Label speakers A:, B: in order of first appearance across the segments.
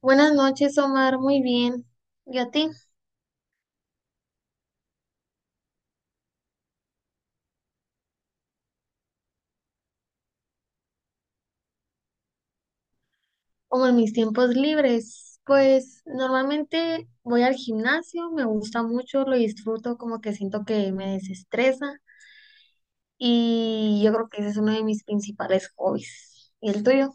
A: Buenas noches, Omar. Muy bien. ¿Y a ti? Como en mis tiempos libres, pues normalmente voy al gimnasio, me gusta mucho, lo disfruto, como que siento que me desestresa y yo creo que ese es uno de mis principales hobbies. ¿Y el tuyo?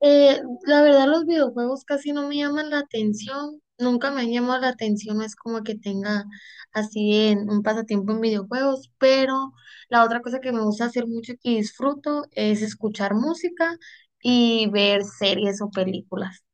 A: Eh, la verdad, los videojuegos casi no me llaman la atención, nunca me han llamado la atención, no es como que tenga así en un pasatiempo en videojuegos, pero la otra cosa que me gusta hacer mucho y que disfruto es escuchar música y ver series o películas.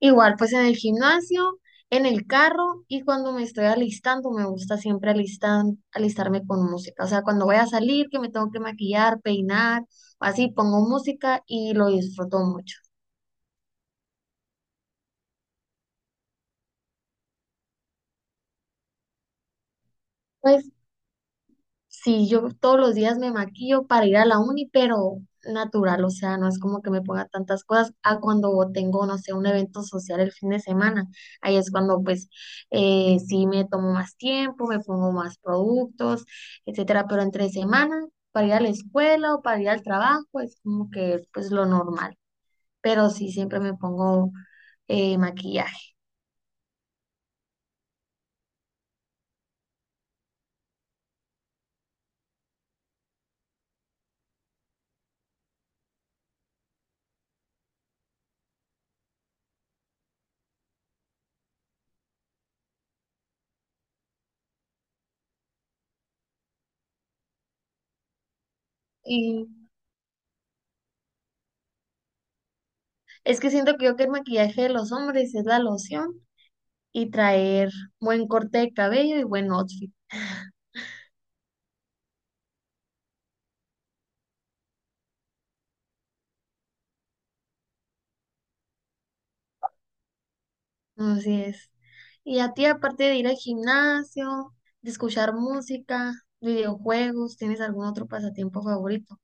A: Igual, pues en el gimnasio, en el carro y cuando me estoy alistando, me gusta siempre alistarme con música. O sea, cuando voy a salir, que me tengo que maquillar, peinar, así pongo música y lo disfruto mucho. Pues sí, yo todos los días me maquillo para ir a la uni, pero natural, o sea, no es como que me ponga tantas cosas a cuando tengo, no sé, un evento social el fin de semana. Ahí es cuando pues sí me tomo más tiempo, me pongo más productos, etcétera, pero entre semana, para ir a la escuela o para ir al trabajo, es como que pues lo normal, pero sí siempre me pongo maquillaje. Y es que siento que yo que el maquillaje de los hombres es la loción. Y traer buen corte de cabello y buen outfit. Así es. Y a ti, aparte de ir al gimnasio, de escuchar música, videojuegos, ¿tienes algún otro pasatiempo favorito?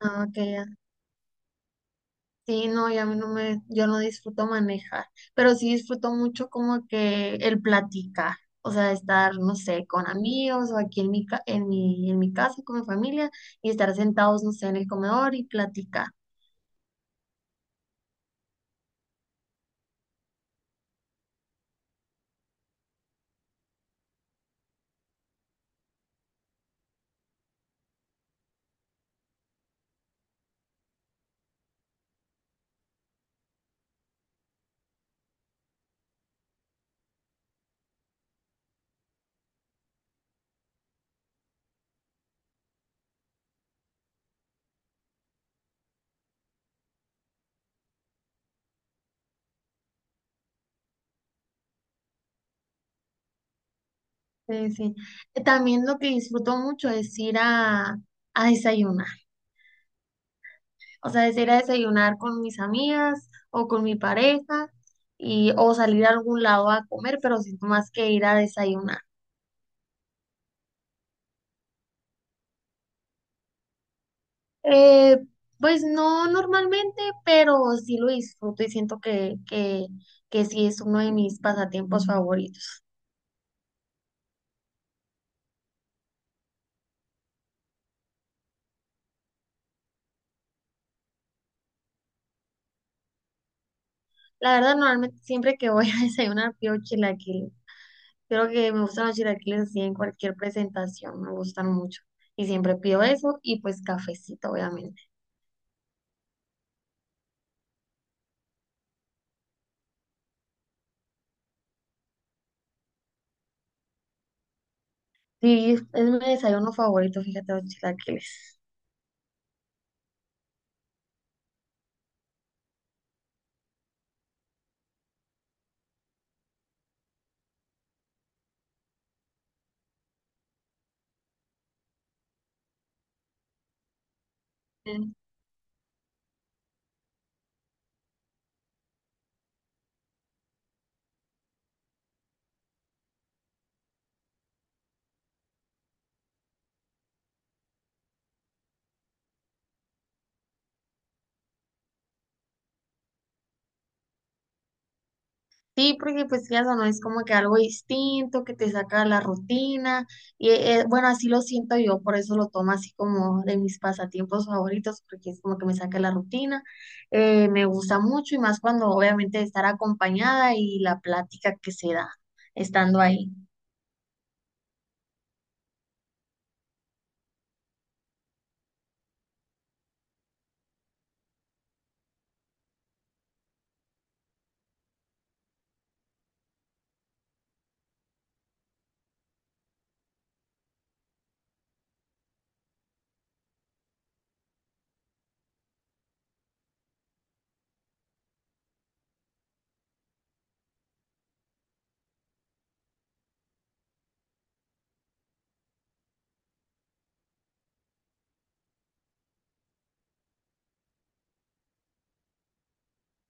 A: Ah, ok, ya. Sí, no, yo a mí no me, yo no disfruto manejar, pero sí disfruto mucho como que el platicar, o sea, estar, no sé, con amigos o aquí en en mi casa con mi familia y estar sentados, no sé, en el comedor y platicar. Sí, sí. También lo que disfruto mucho es ir a desayunar, o sea, es ir a desayunar con mis amigas o con mi pareja y, o salir a algún lado a comer, pero siento más que ir a desayunar. Eh, pues no normalmente, pero sí lo disfruto y siento que sí es uno de mis pasatiempos favoritos. La verdad, normalmente siempre que voy a desayunar pido chilaquiles. Creo que me gustan los chilaquiles así en cualquier presentación, me gustan mucho. Y siempre pido eso y pues cafecito, obviamente. Sí, es mi desayuno favorito, fíjate, los chilaquiles. Mm. Sí, porque pues ya no es como que algo distinto, que te saca de la rutina. Y bueno, así lo siento yo, por eso lo tomo así como de mis pasatiempos favoritos, porque es como que me saca de la rutina. Me gusta mucho y más cuando obviamente estar acompañada y la plática que se da estando ahí.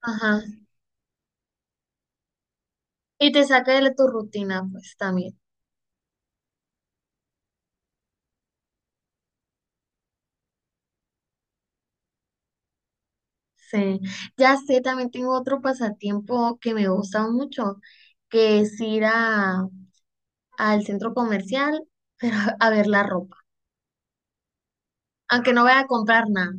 A: Ajá. Y te saca de tu rutina, pues también. Sí. Ya sé, también tengo otro pasatiempo que me gusta mucho, que es ir al centro comercial, pero a ver la ropa. Aunque no voy a comprar nada.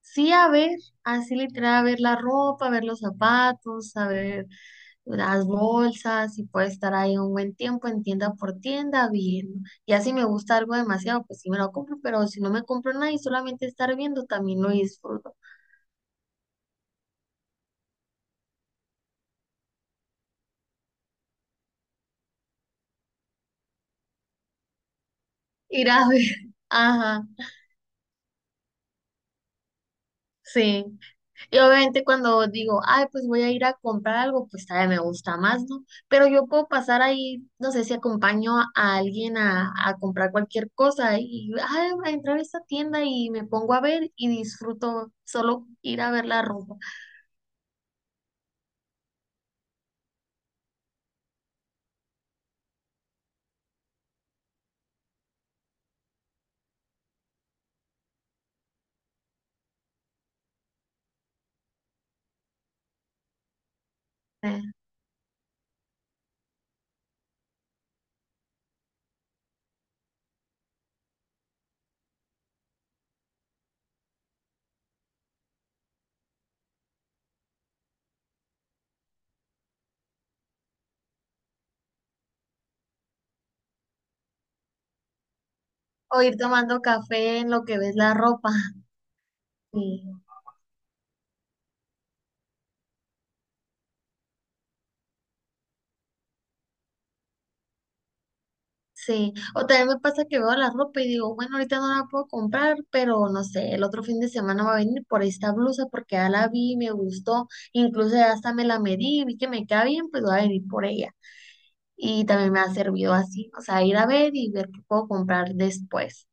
A: Sí, a ver, así literal, a ver la ropa, a ver los zapatos, a ver las bolsas, y puedo estar ahí un buen tiempo en tienda por tienda viendo. Ya si me gusta algo demasiado, pues sí me lo compro, pero si no me compro nada y solamente estar viendo, también lo disfruto. Ir a ver. Ajá, sí. Y obviamente cuando digo, ay, pues voy a ir a comprar algo, pues todavía me gusta más, ¿no? Pero yo puedo pasar ahí, no sé si acompaño a alguien a comprar cualquier cosa y, ay, voy a entrar a esta tienda y me pongo a ver y disfruto solo ir a ver la ropa. eh, O ir tomando café en lo que ves la ropa. Sí. Sí, o también me pasa que veo la ropa y digo, bueno, ahorita no la puedo comprar, pero no sé, el otro fin de semana va a venir por esta blusa porque ya la vi, me gustó, incluso ya hasta me la medí, vi que me queda bien, pues voy a venir por ella. Y también me ha servido así, o sea, ir a ver y ver qué puedo comprar después.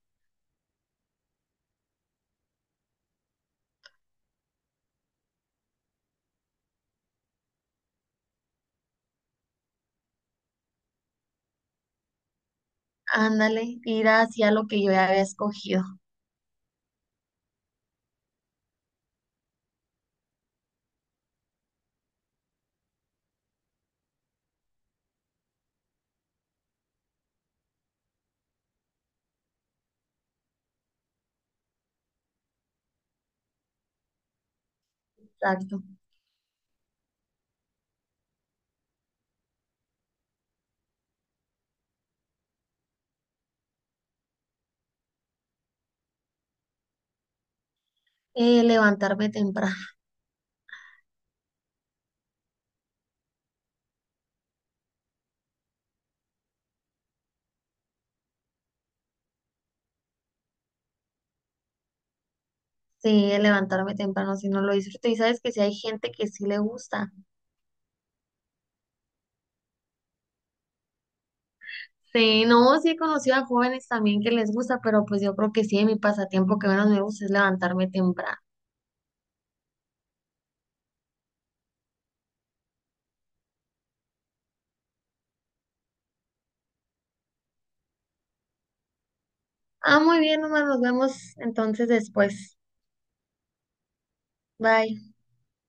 A: Ándale, ir hacia lo que yo ya había escogido, exacto. Levantarme temprano, sí, levantarme temprano, si no lo disfruto. Y sabes que si hay gente que sí le gusta. Sí, no, sí he conocido a jóvenes también que les gusta, pero pues yo creo que sí, mi pasatiempo que menos me gusta es levantarme temprano. Ah, muy bien, Omar, nos vemos entonces después. Bye.